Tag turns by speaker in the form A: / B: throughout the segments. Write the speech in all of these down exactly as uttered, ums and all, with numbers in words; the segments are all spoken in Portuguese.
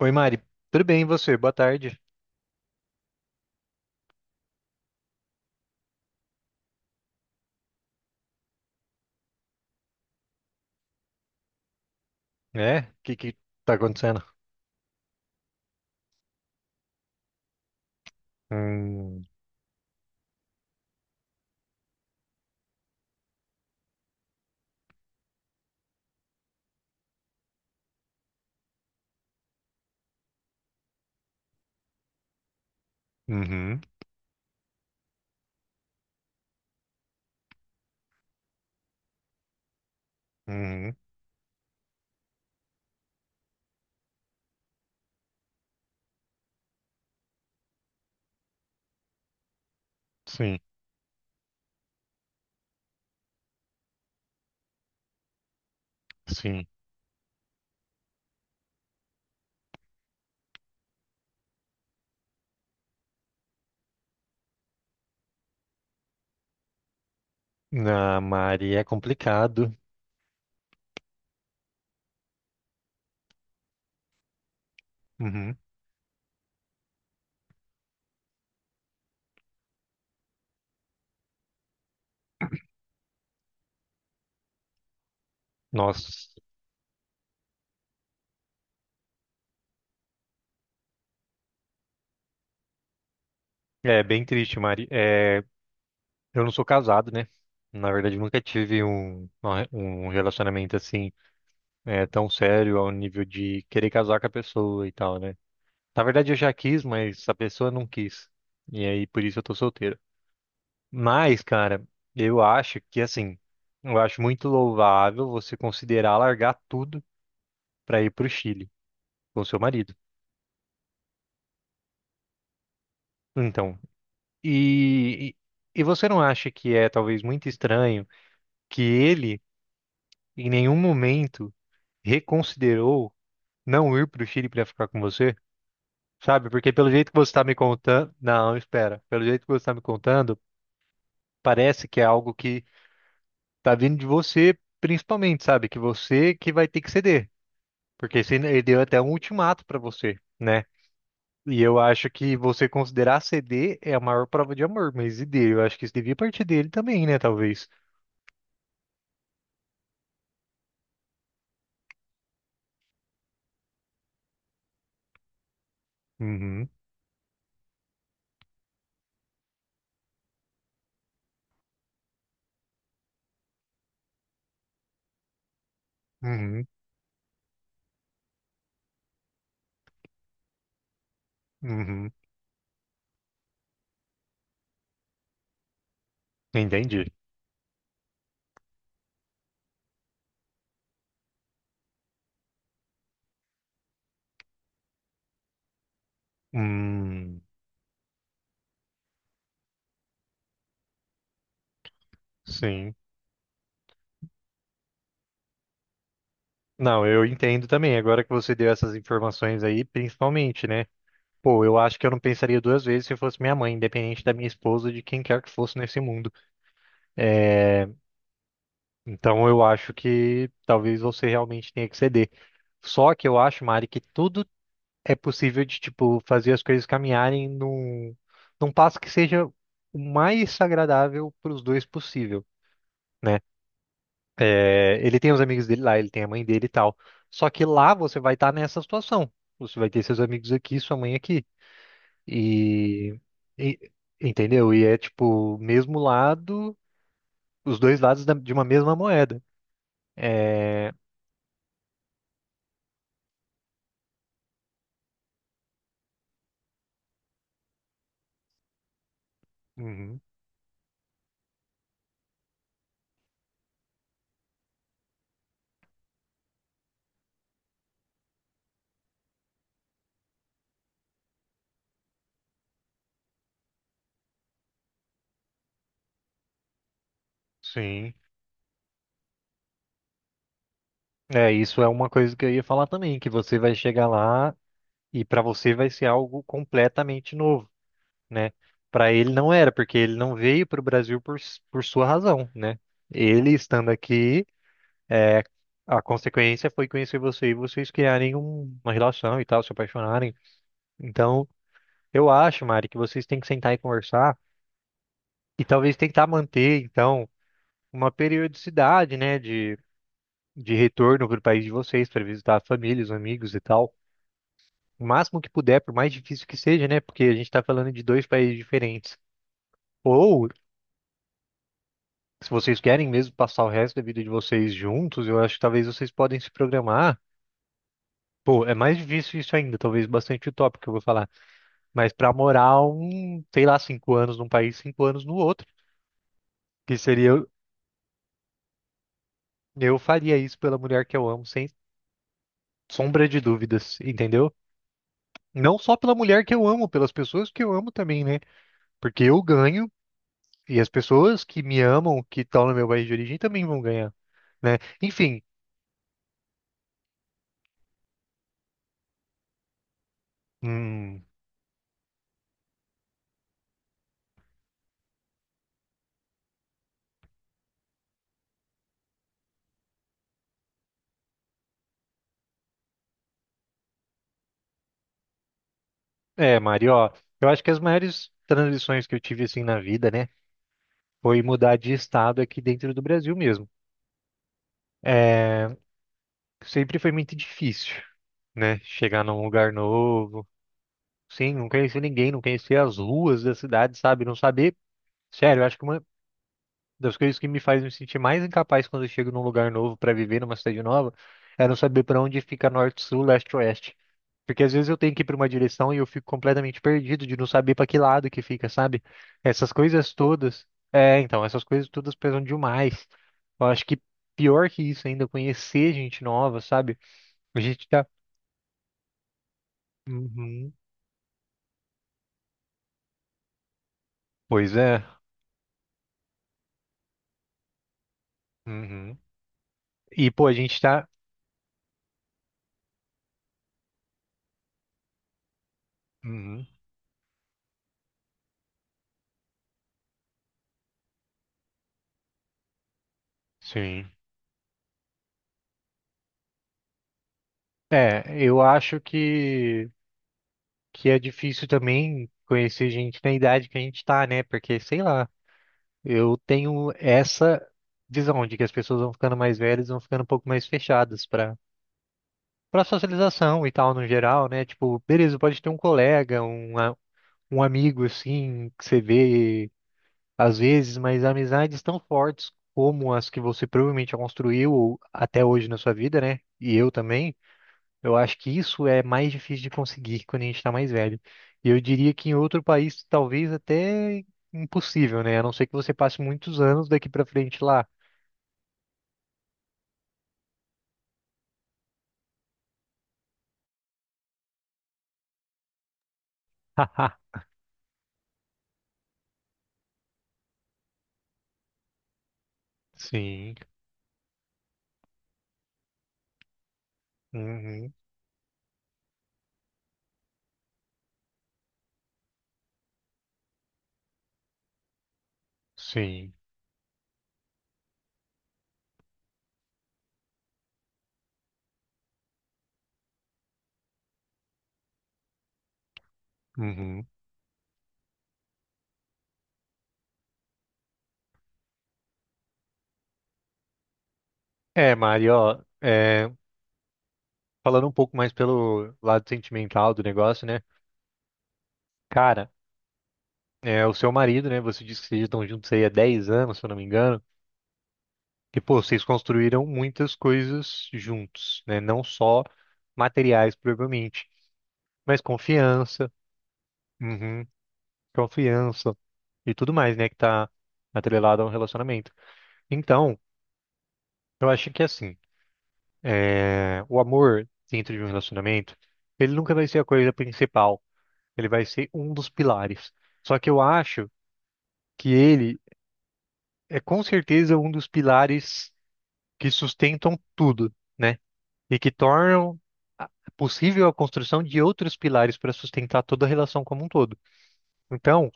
A: Oi, Mari. Tudo bem, e você? Boa tarde. É? O que que tá acontecendo? Hum. Uhum. Uhum. Sim, sim. Na Mari é complicado. Uhum. Nossa, é bem triste, Mari. É, eu não sou casado, né? Na verdade, nunca tive um, uma- um relacionamento assim, é, tão sério ao nível de querer casar com a pessoa e tal, né? Na verdade, eu já quis, mas a pessoa não quis. E aí, por isso eu tô solteiro. Mas, cara, eu acho que assim, eu acho muito louvável você considerar largar tudo para ir para o Chile com seu marido. Então, e, e e você não acha que é talvez muito estranho que ele em nenhum momento reconsiderou não ir para o Chile para ficar com você? Sabe? Porque pelo jeito que você está me contando, não, espera. Pelo jeito que você está me contando, parece que é algo que tá vindo de você, principalmente, sabe? Que você que vai ter que ceder. Porque se- ele deu até um ultimato pra você, né? E eu acho que você considerar ceder é a maior prova de amor, mas e dele? Eu acho que isso devia partir dele também, né? Talvez. Uhum. Uhum. Uhum. Entendi. Hum. Sim. Não, eu entendo também. Agora que você deu essas informações aí, principalmente, né? Pô, eu acho que eu não pensaria duas vezes se fosse minha mãe, independente da minha esposa, de quem quer que fosse nesse mundo. Então eu acho que talvez você realmente tenha que ceder. Só que eu acho, Mari, que tudo é possível de, tipo, fazer as coisas caminharem num, num passo que seja o mais agradável para os dois possível, né? É, ele tem os amigos dele lá, ele tem a mãe dele e tal. Só que lá você vai estar nessa situação. Você vai ter seus amigos aqui, sua mãe aqui. E, e- Entendeu? E é tipo, mesmo lado, os dois lados da- de uma mesma moeda. É. Uhum. Sim. É, isso é uma coisa que eu ia falar também, que você vai chegar lá e para você vai ser algo completamente novo, né? Para ele não era, porque ele não veio para o Brasil por, s- por sua razão, né? Ele estando aqui, é, a consequência foi conhecer você e vocês criarem um- uma relação e tal, se apaixonarem. Então, eu acho, Mari, que vocês têm que sentar e conversar e talvez tentar manter, então, uma periodicidade, né, de, de retorno para o país de vocês, para visitar a família, os amigos e tal. O máximo que puder, por mais difícil que seja, né? Porque a gente está falando de dois países diferentes. Ou, se vocês querem mesmo passar o resto da vida de vocês juntos, eu acho que talvez vocês podem se programar. Pô, é mais difícil isso ainda, talvez bastante utópico que eu vou falar. Mas pra morar um, sei lá, cinco anos num país, cinco anos no outro. Que seria, eu, eu faria isso pela mulher que eu amo, sem sombra de dúvidas, entendeu? Não só pela mulher que eu amo, pelas pessoas que eu amo também, né? Porque eu ganho e as pessoas que me amam, que estão no meu país de origem, também vão ganhar, né? Enfim. Hum. É, Mari, ó, eu acho que as maiores transições que eu tive assim na vida, né, foi mudar de estado aqui dentro do Brasil mesmo. É, sempre foi muito difícil, né, chegar num lugar novo. Sim, não conhecer ninguém, não conhecer as ruas da cidade, sabe? Não saber. Sério, eu acho que uma das coisas que me faz me sentir mais incapaz quando eu chego num lugar novo para viver numa cidade nova é não saber para onde fica norte, sul, leste, oeste. Porque às vezes eu tenho que ir para uma direção e eu fico completamente perdido de não saber para que lado que fica, sabe? Essas coisas todas. É, então, essas coisas todas pesam demais. Eu acho que pior que isso ainda, conhecer gente nova, sabe? A gente tá. Uhum. Pois é. Uhum. E, pô, a gente tá. Uhum. Sim. É, eu acho que, que é difícil também conhecer gente na idade que a gente tá, né? Porque, sei lá. Eu tenho essa visão de que as pessoas vão ficando mais velhas, vão ficando um pouco mais fechadas para para socialização e tal no geral, né? Tipo, beleza, pode ter um colega, um, a- um amigo assim que você vê às vezes, mas amizades tão fortes como as que você provavelmente construiu ou até hoje na sua vida, né? E eu também, eu acho que isso é mais difícil de conseguir quando a gente está mais velho. E eu diria que em outro país talvez até impossível, né? A não ser que você passe muitos anos daqui para frente lá. Sim. Uhum. Sim. Uhum. É, Mari, ó, é, falando um pouco mais pelo lado sentimental do negócio, né? Cara, é, o seu marido, né? Você disse que vocês estão juntos aí há dez anos, se eu não me engano. E, pô, vocês construíram muitas coisas juntos, né? Não só materiais, provavelmente, mas confiança, uhum, confiança e tudo mais, né? Que tá atrelado a um relacionamento. Então, eu acho que assim. É, o amor dentro de um relacionamento, ele nunca vai ser a coisa principal. Ele vai ser um dos pilares. Só que eu acho que ele é com certeza um dos pilares que sustentam tudo, né? E que tornam a- possível a construção de outros pilares para sustentar toda a relação como um todo. Então, o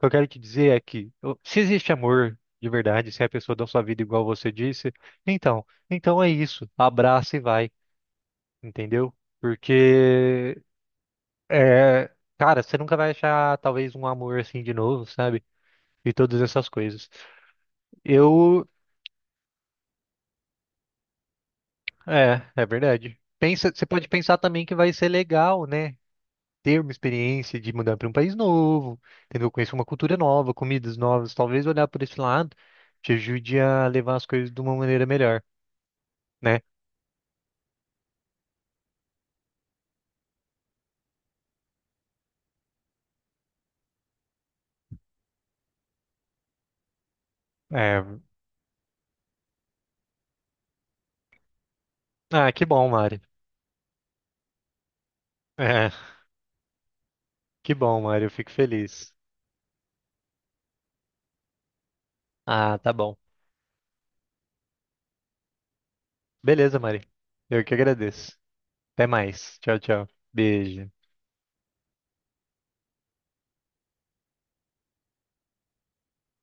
A: que eu quero te dizer é que eu- se existe amor de verdade, se a pessoa dá sua vida igual você disse, então, então é isso. Abraça e vai, entendeu? Porque é, cara, você nunca vai achar talvez um amor assim de novo, sabe? E todas essas coisas. Eu, é, é verdade. Pensa, você pode pensar também que vai ser legal, né? Ter uma experiência de mudar para um país novo, entendeu? Conhecer uma cultura nova, comidas novas, talvez olhar por esse lado te ajude a levar as coisas de uma maneira melhor, né? É, ah, que bom, Mari. É, que bom, Mari, eu fico feliz. Ah, tá bom. Beleza, Mari. Eu que agradeço. Até mais. Tchau, tchau. Beijo.